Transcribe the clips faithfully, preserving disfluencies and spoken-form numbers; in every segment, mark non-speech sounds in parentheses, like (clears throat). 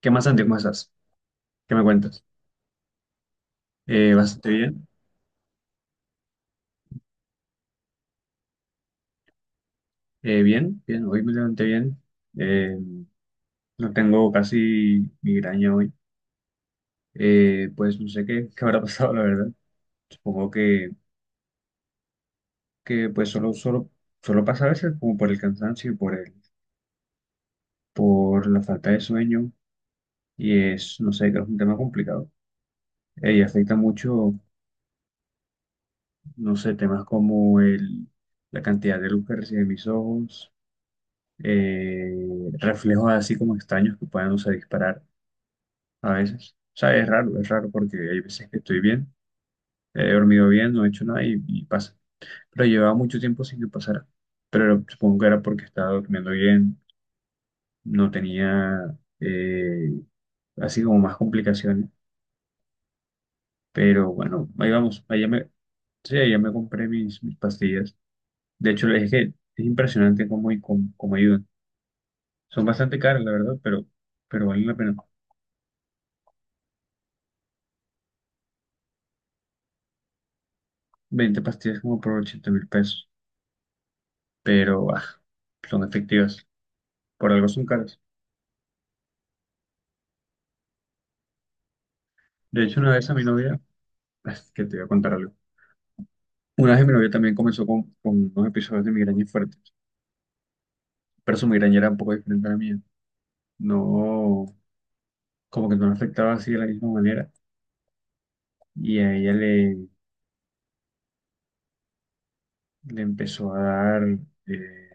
¿Qué más, Santi? ¿Cómo estás? ¿Qué me cuentas? Eh, bastante bien. Eh, bien, bien. Hoy me levanté bien. Eh, no tengo casi migraña hoy. Eh, pues no sé qué, (laughs) qué habrá pasado, la verdad. Supongo que, que pues solo, solo, solo pasa a veces como por el cansancio y por el, por la falta de sueño. Y es, no sé, creo que es un tema complicado. Eh, y afecta mucho, no sé, temas como el, la cantidad de luz que reciben mis ojos, eh, reflejos así como extraños que puedan, no sé, disparar a veces. O sea, es raro, es raro porque hay veces que estoy bien, he dormido bien, no he hecho nada y, y pasa. Pero llevaba mucho tiempo sin que pasara. Pero supongo que era porque estaba durmiendo bien, no tenía eh, así como más complicaciones. Pero bueno, ahí vamos, allá me, sí, allá me compré mis, mis pastillas. De hecho, es que es impresionante cómo, y cómo, cómo ayudan. Son bastante caras, la verdad, pero, pero valen la pena. Veinte pastillas como por ochenta mil pesos, pero ah, son efectivas. Por algo son caras. De hecho, una vez a mi novia, es que te voy a contar algo. Una vez mi novia también comenzó con, con unos episodios de migraña fuertes, pero su migraña era un poco diferente a la mía. No, como que no la afectaba así de la misma manera. Y a ella le, le empezó a dar, eh,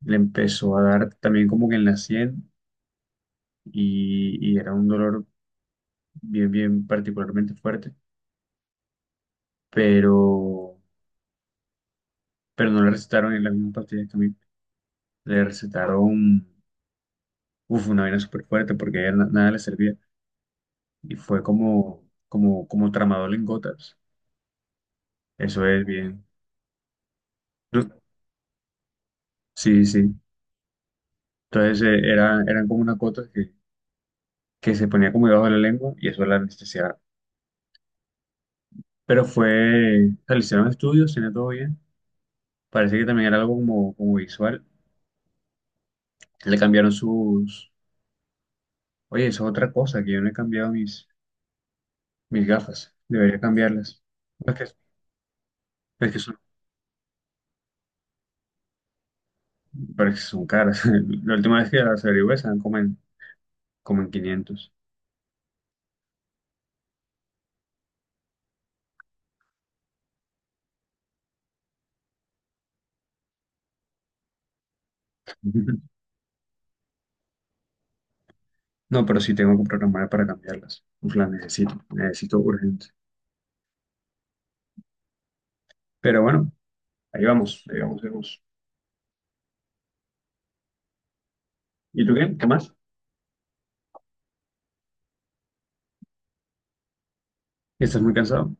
le empezó a dar también como que en la sien y, y era un dolor bien, bien particularmente fuerte, pero, pero no le recetaron en la misma pastilla que a mí. Le recetaron, uf, una vaina súper fuerte porque a ella na- nada le servía. Y fue como, como, como tramador en gotas. Eso es bien. Du- Sí, sí. Entonces eh, era, eran como unas gotas que, que se ponía como debajo de la lengua y eso la anestesiaba. Pero fue, o sea, le hicieron estudios, tenía todo bien. Parece que también era algo como, como visual. Le cambiaron sus. Oye, eso es otra cosa, que yo no he cambiado mis, mis gafas. Debería cambiarlas. Es que, es que son, pero es que son caras. (laughs) La última vez que las averigué estaban como en, como en quinientos. (laughs) No, pero sí tengo que programar para cambiarlas. Pues las necesito, necesito urgente. Pero bueno, ahí vamos, ahí vamos, ahí vamos. ¿Y tú qué? ¿Qué más? ¿Estás muy cansado?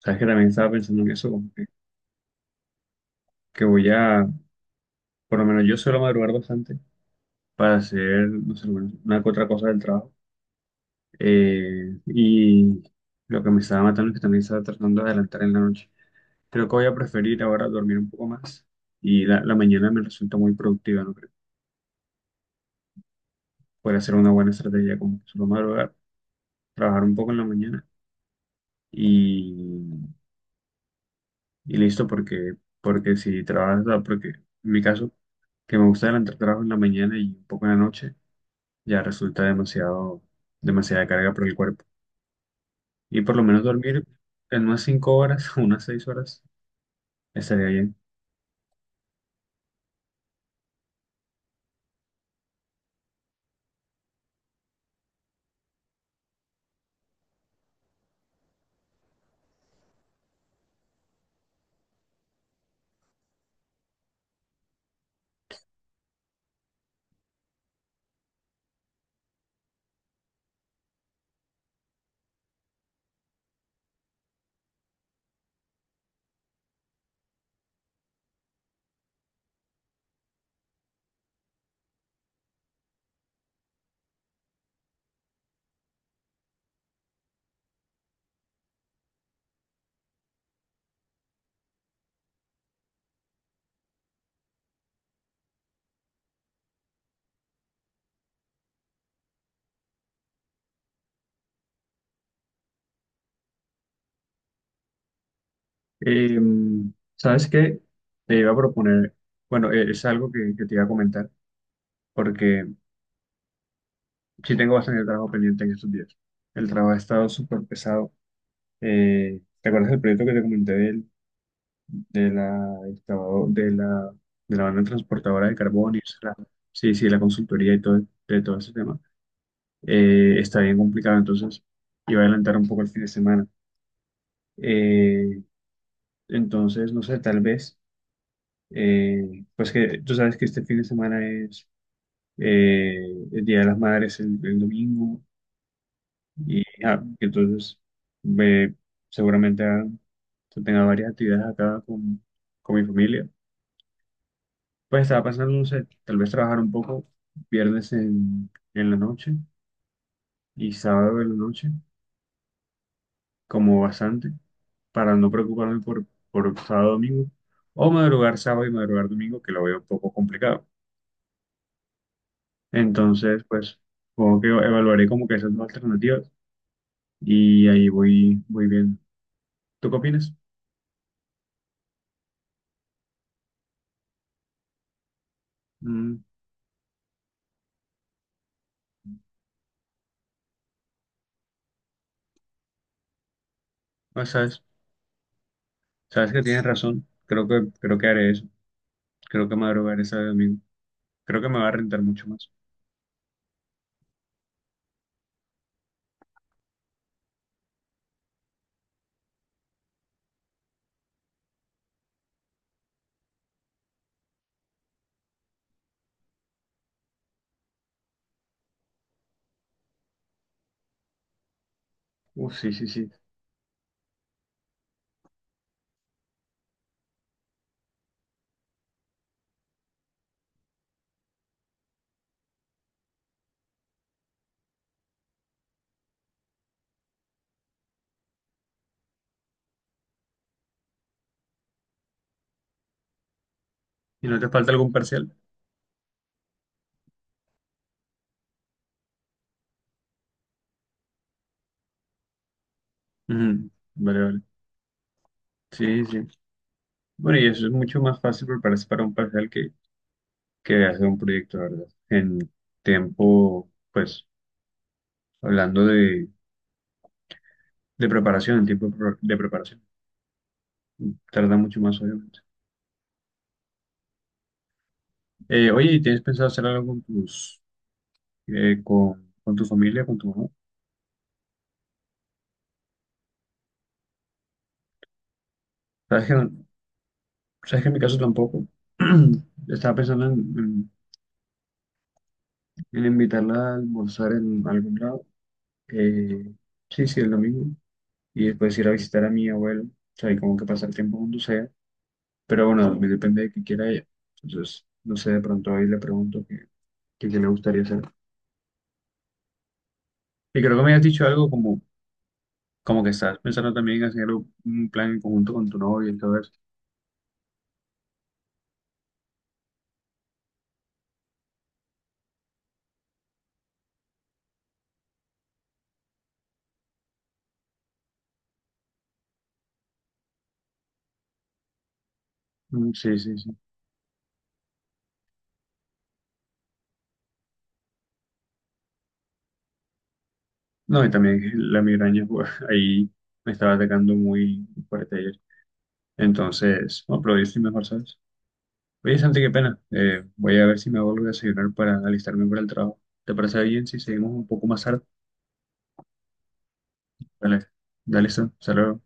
Sabes que también estaba pensando en eso, como que, que voy a, por lo menos yo suelo madrugar bastante para hacer, no sé, bueno, una que otra cosa del trabajo. Eh, y lo que me estaba matando es que también estaba tratando de adelantar en la noche. Creo que voy a preferir ahora dormir un poco más y la, la mañana me resulta muy productiva, ¿no creo? Podría ser una buena estrategia como que solo madrugar trabajar un poco en la mañana y, y listo, porque, porque si trabajas, o sea, porque en mi caso, que me gusta adelantar trabajo en la mañana y un poco en la noche, ya resulta demasiado, demasiada carga para el cuerpo. Y por lo menos dormir en unas cinco horas, (laughs) unas seis horas, estaría bien. Eh, ¿Sabes qué? Te iba a proponer, bueno, eh, es algo que, que te iba a comentar, porque sí tengo bastante trabajo pendiente en estos días. El trabajo ha estado súper pesado. Eh, ¿te acuerdas del proyecto que te comenté de la, excavado- de la, de la banda transportadora de carbón y esa- la- sí, sí, la consultoría y todo, de todo ese tema, eh, está bien complicado, entonces iba a adelantar un poco el fin de semana? Eh, entonces, no sé, tal vez, eh, pues que tú sabes que este fin de semana es eh, el Día de las Madres, el, el domingo, y ah, entonces eh, seguramente ah, tenga varias actividades acá con, con mi familia. Pues estaba pensando, no sé, tal vez trabajar un poco viernes en, en la noche y sábado en la noche, como bastante, para no preocuparme por, por sábado, domingo, o madrugar sábado y madrugar domingo, que lo veo un poco complicado. Entonces, pues, supongo que evaluaré como que esas dos alternativas y ahí voy, voy bien. ¿Tú qué opinas? Mm, pues, sabes, sabes que tienes razón. Creo que, creo que haré eso. Creo que madrugaré sábado y domingo. Creo que me va a rentar mucho más. Uh, sí, sí, sí. ¿Y no te falta algún parcial? Ujú, vale, vale. Sí, sí. Bueno, y eso es mucho más fácil prepararse para un parcial que, que hacer un proyecto, la verdad. En tiempo, pues, hablando de, de preparación, en tiempo pro- de preparación, tarda mucho más, obviamente. Eh, oye, ¿y tienes pensado hacer algo con tus, eh, con, con tu familia, con tu mamá? ¿Sabes que, sabes que en mi caso tampoco? (clears throat) Estaba pensando en, en- en invitarla a almorzar en algún lado. Eh, sí, sí, el domingo. Y después ir a visitar a mi abuelo, o sea, y como que pasar tiempo juntos allá. Pero bueno, también depende de qué quiera ella. Entonces, no sé, de pronto ahí le pregunto qué, qué, qué le gustaría hacer. Y creo que me has dicho algo como, como que estás pensando también en hacer un plan en conjunto con tu novia y todo eso. Mm, sí, sí, sí. No, y también la migraña, pues, (laughs) ahí me estaba atacando muy fuerte ayer. Entonces, no, pero yo estoy mejor, ¿sabes? Oye, Santi, qué pena. Eh, voy a ver si me vuelvo a desayunar para alistarme para el trabajo. ¿Te parece bien si seguimos un poco más tarde? Dale, dale, listo. Saludos.